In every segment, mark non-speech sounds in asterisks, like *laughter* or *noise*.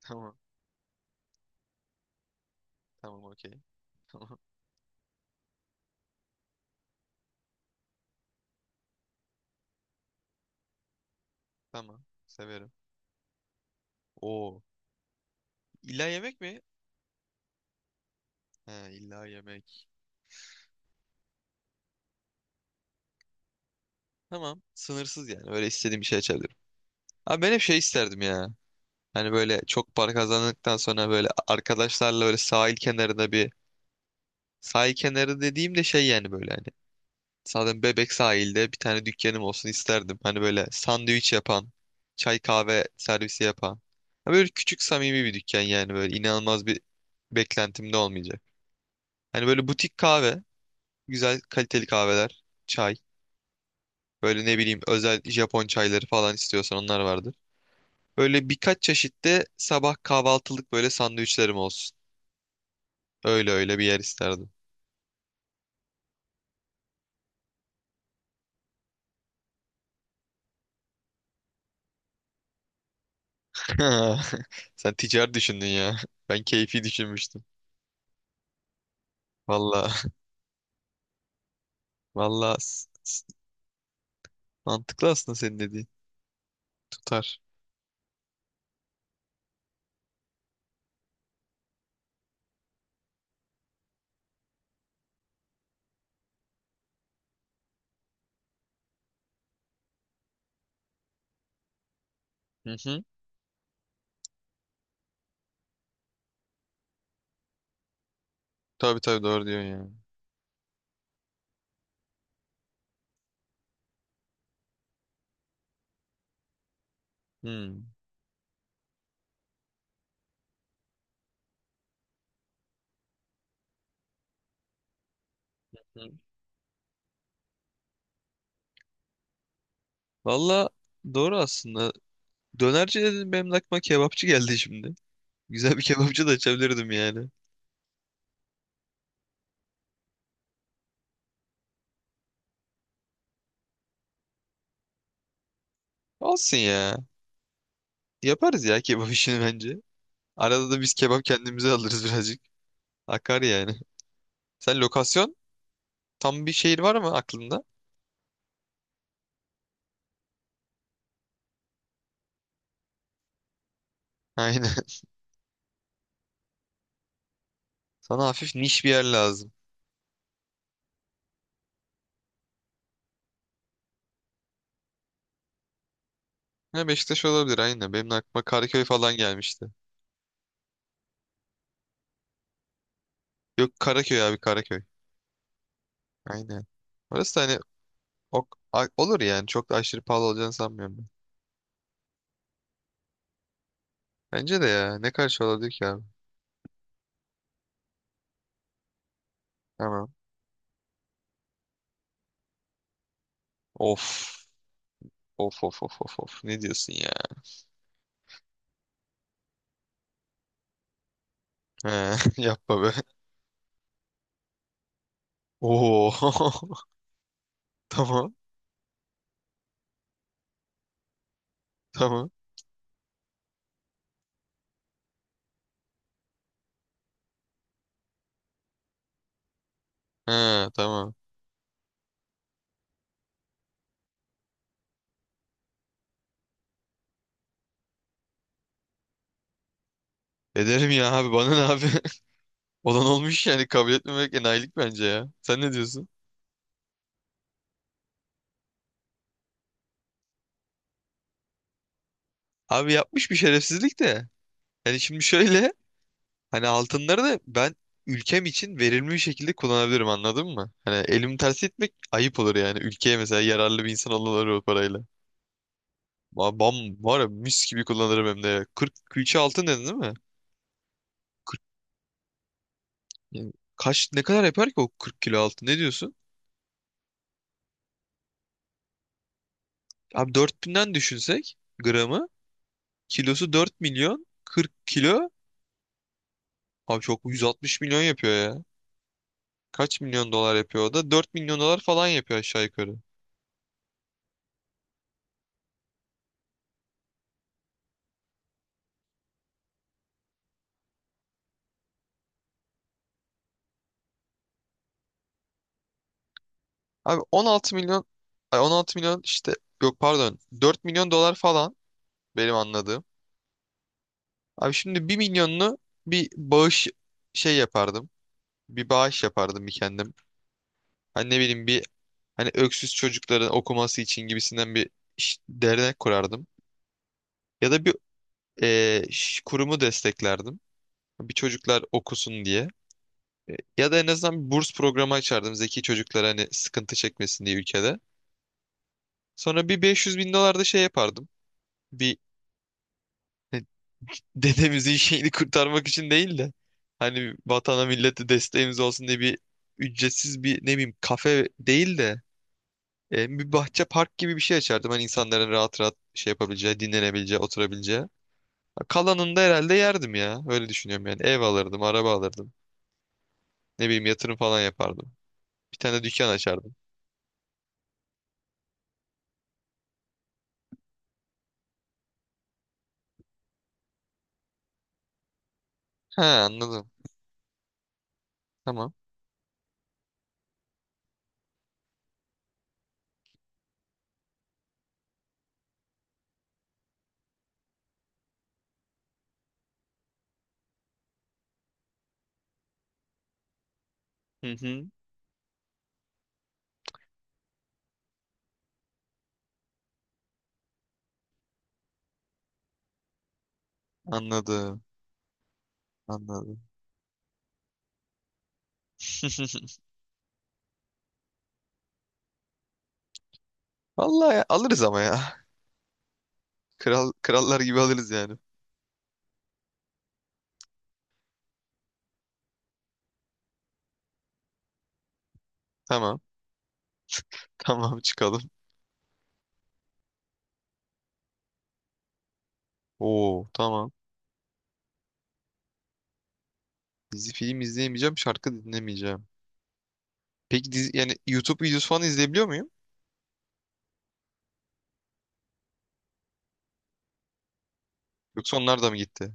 Tamam. Tamam, okey. *laughs* Tamam. Tamam. Severim. Oo. İlla yemek mi? He, illa yemek. Tamam. Sınırsız yani. Böyle istediğim bir şey açabilirim. Abi, ben hep şey isterdim ya. Hani böyle çok para kazandıktan sonra böyle arkadaşlarla böyle sahil kenarında bir sahil kenarı dediğim de şey, yani böyle hani. Zaten Bebek sahilde bir tane dükkanım olsun isterdim. Hani böyle sandviç yapan, çay kahve servisi yapan. Ha, böyle küçük samimi bir dükkan, yani böyle inanılmaz bir beklentim de olmayacak. Hani böyle butik kahve. Güzel kaliteli kahveler, çay. Böyle ne bileyim özel Japon çayları falan, istiyorsan onlar vardır. Böyle birkaç çeşitte sabah kahvaltılık böyle sandviçlerim olsun. Öyle öyle bir yer isterdim. *laughs* Sen ticari düşündün ya. *laughs* Ben keyfi düşünmüştüm. Valla *laughs* valla mantıklı aslında senin dediğin. Tutar. Hı hı. Tabii tabii doğru diyorsun ya. Hmm. Hı. Valla doğru aslında. Dönerci dedim, benim aklıma kebapçı geldi şimdi. Güzel bir kebapçı da açabilirdim yani. Olsun ya. Yaparız ya kebap *laughs* işini bence. Arada da biz kebap kendimize alırız birazcık. Akar yani. Sen lokasyon tam bir şehir var mı aklında? Aynen. *laughs* Sana hafif niş bir yer lazım. Ha, Beşiktaş olabilir, aynen. Benim de aklıma Karaköy falan gelmişti. Yok, Karaköy abi, Karaköy. Aynen. Orası da hani ok, olur yani. Çok da aşırı pahalı olacağını sanmıyorum ben. Bence de ya. Ne karşı olabilir ki abi? Tamam. Of. Of of of of of. Ne diyorsun ya? He, *laughs* yapma be. Oo. *laughs* Tamam. Tamam. He, tamam. Ederim ya abi, bana ne abi? *laughs* Olan olmuş yani, kabul etmemek enayilik bence ya. Sen ne diyorsun? Abi, yapmış bir şerefsizlik de. Yani şimdi şöyle, hani altınları da ben ülkem için verimli bir şekilde kullanabilirim, anladın mı? Hani elimi tersi etmek ayıp olur yani. Ülkeye mesela yararlı bir insan olurlar o parayla. Bam var ya, mis gibi kullanırım hem de. Ya. 40 külçe altın dedin değil mi? 40, yani kaç ne kadar yapar ki o 40 kilo altın ne diyorsun? Abi 4000'den düşünsek gramı, kilosu 4 milyon, 40 kilo, abi çok, 160 milyon yapıyor ya. Kaç milyon dolar yapıyor o da? 4 milyon dolar falan yapıyor aşağı yukarı. Abi 16 milyon, ay 16 milyon işte, yok pardon 4 milyon dolar falan benim anladığım. Abi şimdi bir milyonunu bir bağış şey yapardım. Bir bağış yapardım bir kendim. Hani ne bileyim bir, hani öksüz çocukların okuması için gibisinden bir dernek kurardım. Ya da bir kurumu desteklerdim. Bir çocuklar okusun diye. E, ya da en azından bir burs programı açardım zeki çocuklara, hani sıkıntı çekmesin diye ülkede. Sonra bir 500 bin dolar da şey yapardım. Bir *laughs* dedemizin şeyini kurtarmak için değil de hani vatana millete desteğimiz olsun diye bir ücretsiz bir ne bileyim kafe değil de e, bir bahçe park gibi bir şey açardım. Hani insanların rahat rahat şey yapabileceği, dinlenebileceği, oturabileceği. Kalanını da herhalde yerdim ya. Öyle düşünüyorum yani. Ev alırdım, araba alırdım. Ne bileyim yatırım falan yapardım. Bir tane dükkan açardım. Ha, anladım. Tamam. Hı hı. Anladım. Anladım. *laughs* Vallahi ya, alırız ama ya. Kral, krallar gibi alırız yani. Tamam. Tamam çıkalım. Oo, tamam. Dizi film izleyemeyeceğim, şarkı dinlemeyeceğim. Peki dizi, yani YouTube videosu falan izleyebiliyor muyum? Yoksa onlar da mı gitti?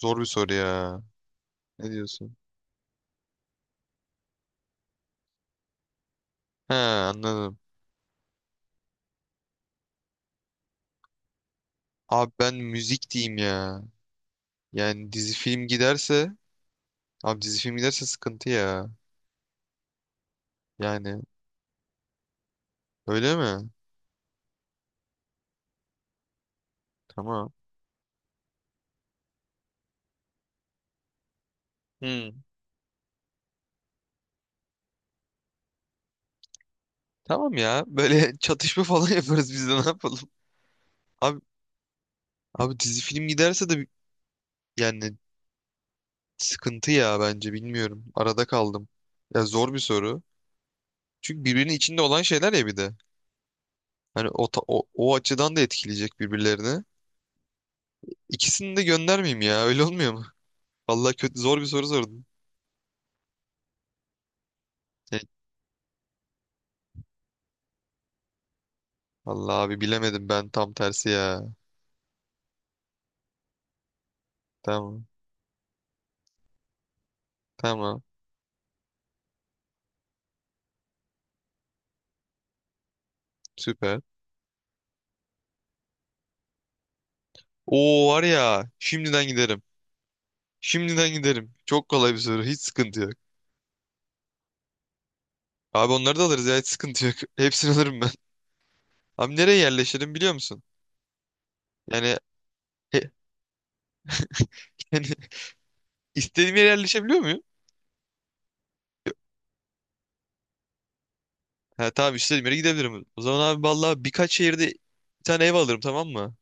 Zor bir soru ya. Ne diyorsun? He, anladım. Abi ben müzik diyeyim ya. Yani dizi film giderse, abi dizi film giderse sıkıntı ya. Yani öyle mi? Tamam. Hmm. Tamam ya. Böyle *laughs* çatışma falan yaparız biz de, ne yapalım? Abi Abi dizi film giderse de yani sıkıntı ya, bence bilmiyorum. Arada kaldım. Ya zor bir soru. Çünkü birbirinin içinde olan şeyler ya bir de. Hani o açıdan da etkileyecek birbirlerini. İkisini de göndermeyeyim ya, *laughs* öyle olmuyor mu? *laughs* Vallahi kötü, zor bir soru sordun. Şey, vallahi abi bilemedim, ben tam tersi ya. Tamam, tamam, süper. Oo var ya, şimdiden giderim. Şimdiden giderim. Çok kolay bir soru, hiç sıkıntı yok. Abi onları da alırız ya, hiç sıkıntı yok. *laughs* Hepsini alırım ben. Abi nereye yerleşirim biliyor musun? Yani he- yani *laughs* istediğim yere yerleşebiliyor muyum? Ha tamam, istediğim yere gidebilirim. O zaman abi vallahi birkaç şehirde bir tane ev alırım, tamam mı?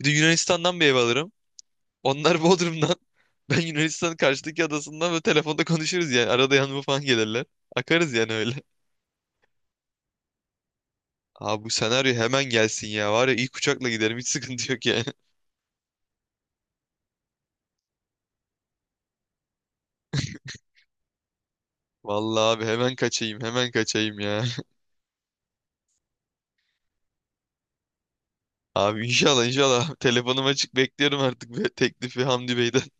Bir de Yunanistan'dan bir ev alırım. Onlar Bodrum'dan. *laughs* Ben Yunanistan'ın karşıdaki adasından, böyle telefonda konuşuruz yani. Arada yanıma falan gelirler. Akarız yani öyle. Abi bu senaryo hemen gelsin ya. Var ya, ilk uçakla giderim, hiç sıkıntı yok yani. *laughs* Vallahi abi, hemen kaçayım hemen kaçayım ya. *laughs* Abi inşallah inşallah telefonum açık bekliyorum artık be, teklifi Hamdi Bey'den.